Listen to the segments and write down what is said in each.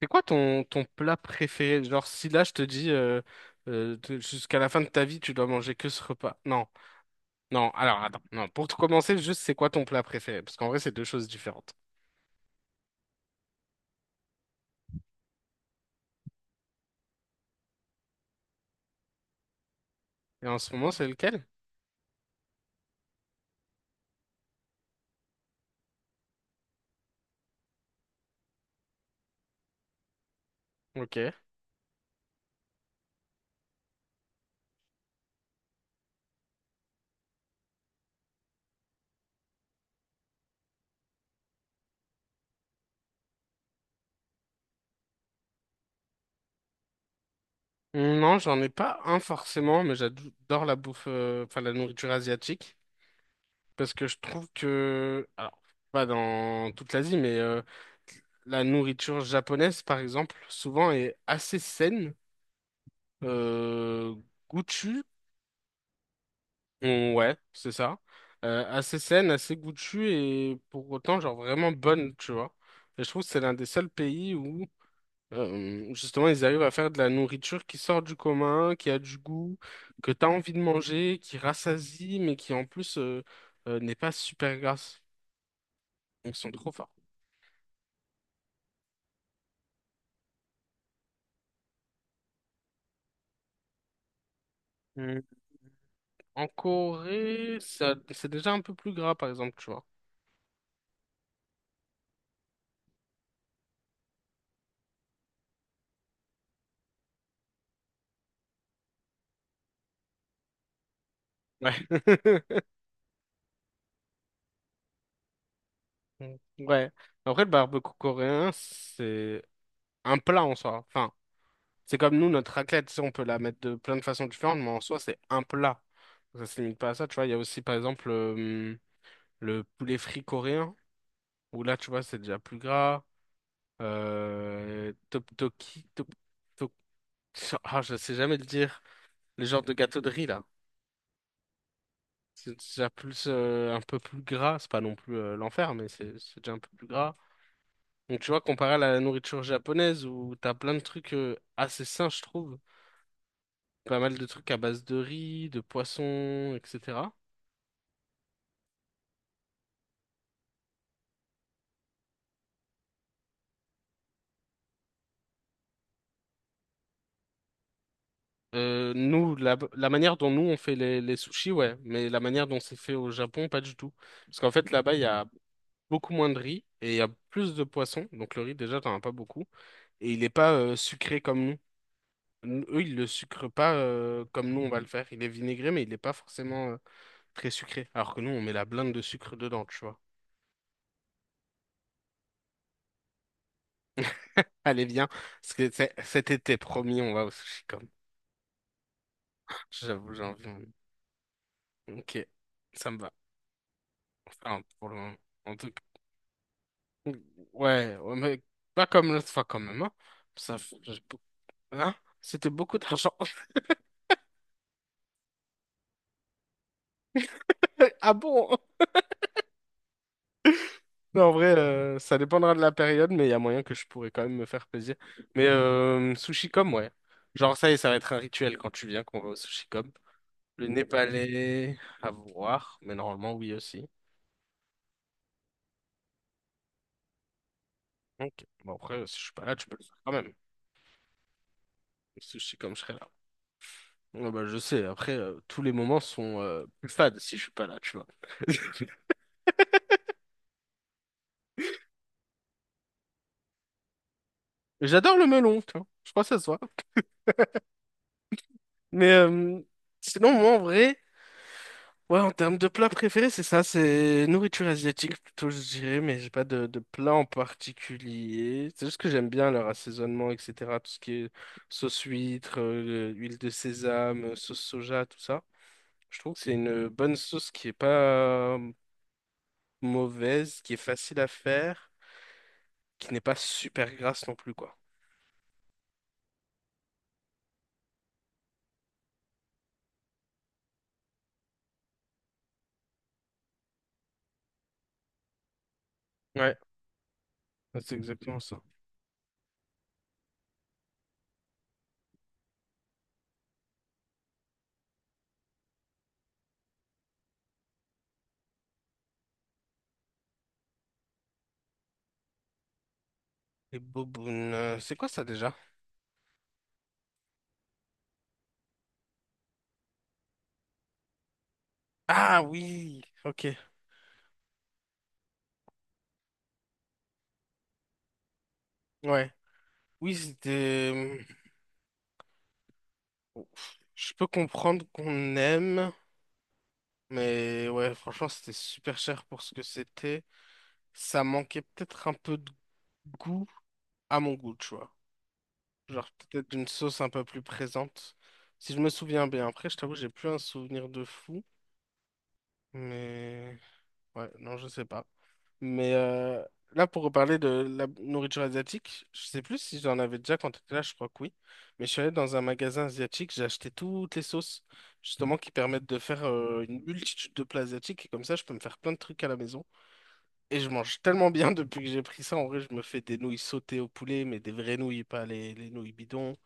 C'est quoi ton plat préféré? Genre, si là je te dis jusqu'à la fin de ta vie, tu dois manger que ce repas. Non, non, alors attends, non. Pour tout commencer, juste c'est quoi ton plat préféré? Parce qu'en vrai, c'est deux choses différentes. Et en ce moment, c'est lequel? Ok. Non, j'en ai pas un forcément, mais j'adore la bouffe, enfin la nourriture asiatique. Parce que je trouve que, alors, pas dans toute l'Asie, mais la nourriture japonaise, par exemple, souvent est assez saine. euh, Ouais, c'est ça. Assez saine, assez goûtue et pour autant, genre vraiment bonne, tu vois. Et je trouve que c'est l'un des seuls pays où, justement, ils arrivent à faire de la nourriture qui sort du commun, qui a du goût, que t'as envie de manger, qui rassasie, mais qui en plus n'est pas super grasse. Ils sont trop forts. Mm. En Corée, ça, c'est déjà un peu plus gras, par exemple, tu vois. Ouais. Ouais. Après, le barbecue coréen, c'est un plat en soi. Enfin, c'est comme nous, notre raclette, tu sais, on peut la mettre de plein de façons différentes, mais en soi, c'est un plat. Ça se limite pas à ça, tu vois. Il y a aussi, par exemple, le poulet frit coréen, où là, tu vois, c'est déjà plus gras. Tteokbokki, top, ah, je sais jamais le dire. Le genre de gâteau de riz, là. C'est déjà plus, un peu plus gras. C'est pas non plus l'enfer, mais c'est déjà un peu plus gras. Donc, tu vois, comparé à la nourriture japonaise, où t'as plein de trucs assez sains, je trouve. Pas mal de trucs à base de riz, de poisson, etc. Nous, la manière dont nous on fait les sushis, ouais, mais la manière dont c'est fait au Japon, pas du tout. Parce qu'en fait, là-bas, il y a beaucoup moins de riz et il y a plus de poissons. Donc le riz, déjà, t'en as pas beaucoup. Et il est pas sucré comme nous. Eux, ils le sucrent pas comme nous, on va le faire. Il est vinaigré, mais il n'est pas forcément très sucré. Alors que nous, on met la blinde de sucre dedans, tu vois. Allez, viens. Cet été, promis, on va au sushi comme. J'avoue, j'ai envie. Ok, ça me va. Enfin, pour le moment. En tout cas, ouais, mais pas comme l'autre fois quand même, hein. Ça, f- j'ai beau- hein C'était beaucoup d'argent. Ah bon? Non, en vrai, ça dépendra de la période, mais il y a moyen que je pourrais quand même me faire plaisir. Mais sushi comme, ouais. Genre, ça y est, ça va être un rituel quand tu viens qu'on va au sushi comme. Le népalais, à voir, mais normalement, oui aussi. Ok. Bon, après, si je suis pas là, tu peux le faire quand même. Le sushi comme je serai là. Ouais, bah, je sais, après, tous les moments sont plus fades si je suis pas là, tu vois. J'adore le melon, tu vois. Je crois que ça se voit. Mais euh, Sinon, moi, en vrai, ouais, en termes de plat préféré, c'est ça, c'est nourriture asiatique plutôt, je dirais, mais j'ai pas de plat en particulier. C'est juste que j'aime bien leur assaisonnement, etc. Tout ce qui est sauce huître, huile de sésame, sauce soja, tout ça. Je trouve que c'est une bonne sauce qui est pas mauvaise, qui est facile à faire, qui n'est pas super grasse non plus, quoi. Ouais, c'est exactement ça. Les bobounes, c'est quoi ça déjà? Ah oui, ok, ouais. Oui, c'était... Je peux comprendre qu'on aime, mais ouais, franchement, c'était super cher pour ce que c'était. Ça manquait peut-être un peu de goût à mon goût, tu vois. Genre peut-être d'une sauce un peu plus présente, si je me souviens bien. Après, je t'avoue, j'ai plus un souvenir de fou, mais ouais, non, je sais pas. Mais euh, Là, pour reparler de la nourriture asiatique, je sais plus si j'en avais déjà quand tu étais là, je crois que oui. Mais je suis allé dans un magasin asiatique, j'ai acheté toutes les sauces, justement, qui permettent de faire une multitude de plats asiatiques. Et comme ça, je peux me faire plein de trucs à la maison. Et je mange tellement bien depuis que j'ai pris ça. En vrai, je me fais des nouilles sautées au poulet, mais des vraies nouilles, pas les nouilles bidons.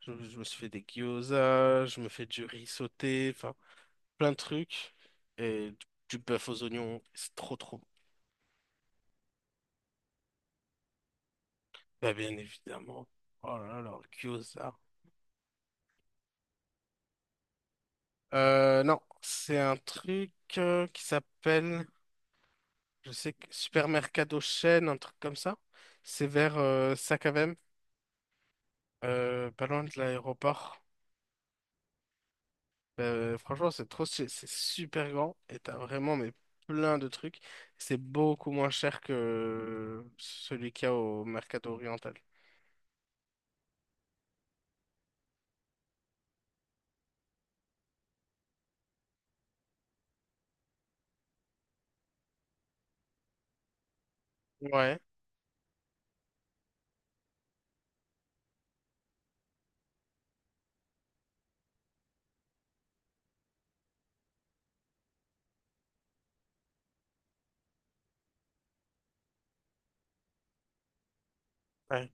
Je me suis fait des gyoza, je me fais du riz sauté, enfin, plein de trucs. Et du bœuf aux oignons, c'est trop bon. Bah, bien évidemment. Oh là là, leur gyoza. Non, c'est un truc qui s'appelle, Supermercado Chaîne, un truc comme ça. C'est vers Sacavem, pas loin de l'aéroport. Franchement, c'est trop, c'est super grand et t'as vraiment mais, plein de trucs. C'est beaucoup moins cher que celui qu'il y a au Mercado Oriental. Ouais. Ouais.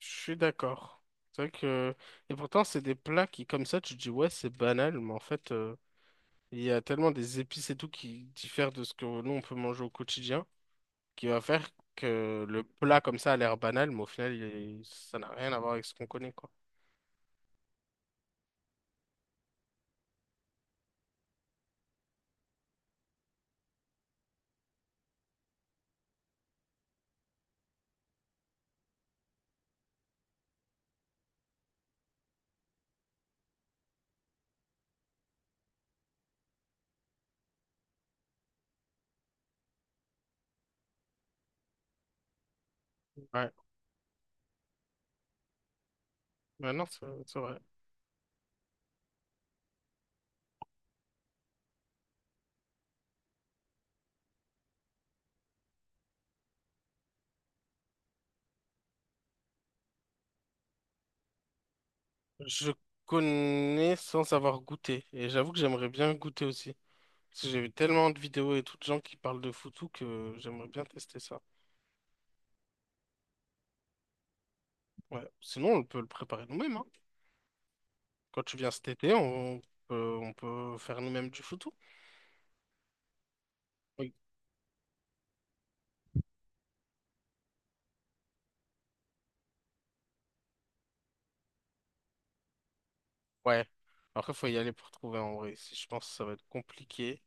Je suis d'accord. C'est vrai que... Et pourtant, c'est des plats qui, comme ça, tu te dis, ouais, c'est banal, mais en fait, il y a tellement des épices et tout qui diffèrent de ce que nous, on peut manger au quotidien, qui va faire que le plat, comme ça, a l'air banal, mais au final, ça n'a rien à voir avec ce qu'on connaît, quoi. Ouais, ouais, non, c'est vrai. Je connais sans avoir goûté, et j'avoue que j'aimerais bien goûter aussi. Parce que j'ai vu tellement de vidéos et tout de gens qui parlent de foutu que j'aimerais bien tester ça. Ouais. Sinon, on peut le préparer nous-mêmes, hein. Quand tu viens cet été, on peut faire nous-mêmes du photo. Oui. Ouais. Après, faut y aller pour trouver en vrai. Si je pense que ça va être compliqué.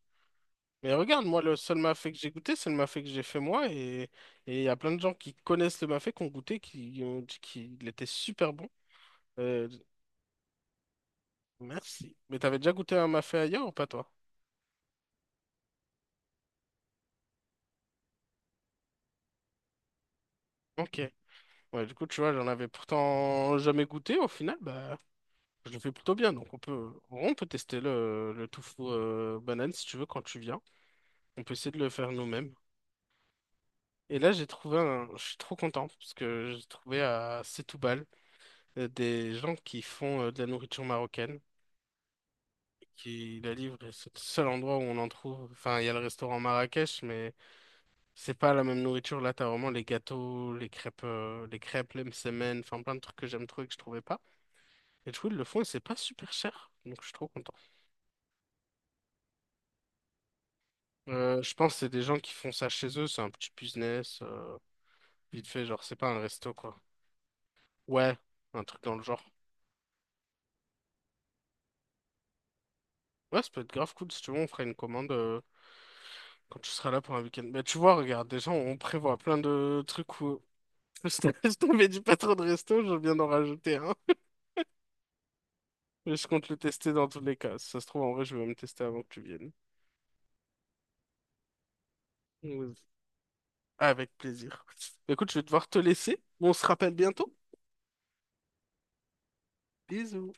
Mais regarde, moi, le seul mafé que j'ai goûté, c'est le mafé que j'ai fait moi. Et il y a plein de gens qui connaissent le mafé, qui ont goûté, qui ont dit qu'il était super bon. Euh, Merci. Mais t'avais déjà goûté un mafé ailleurs ou pas, toi? Ok. Ouais, du coup, tu vois, j'en avais pourtant jamais goûté. Au final, bah, je le fais plutôt bien. Donc, on peut tester le tofu banane si tu veux quand tu viens. On peut essayer de le faire nous-mêmes. Et là, j'ai trouvé un... Je suis trop content parce que j'ai trouvé à Setoubal des gens qui font de la nourriture marocaine, qui la livrent, et c'est le seul endroit où on en trouve. Enfin, il y a le restaurant Marrakech, mais c'est pas la même nourriture. Là, t'as vraiment les gâteaux, les crêpes, les msemen, enfin plein de trucs que j'aime trop et que je trouvais pas. Et du coup, ils le font et c'est pas super cher. Donc, je suis trop content. Je pense que c'est des gens qui font ça chez eux. C'est un petit business, vite fait, genre, c'est pas un resto, quoi. Ouais, un truc dans le genre. Ouais, ça peut être grave cool si tu veux, on fera une commande quand tu seras là pour un week-end. Mais tu vois, regarde, déjà, on prévoit plein de trucs où... Je t'avais dit pas trop de resto, je viens d'en rajouter un. Mais je compte le tester dans tous les cas. Si ça se trouve, en vrai, je vais me tester avant que tu viennes. Vas-y. Avec plaisir. Écoute, je vais devoir te laisser. On se rappelle bientôt. Bisous.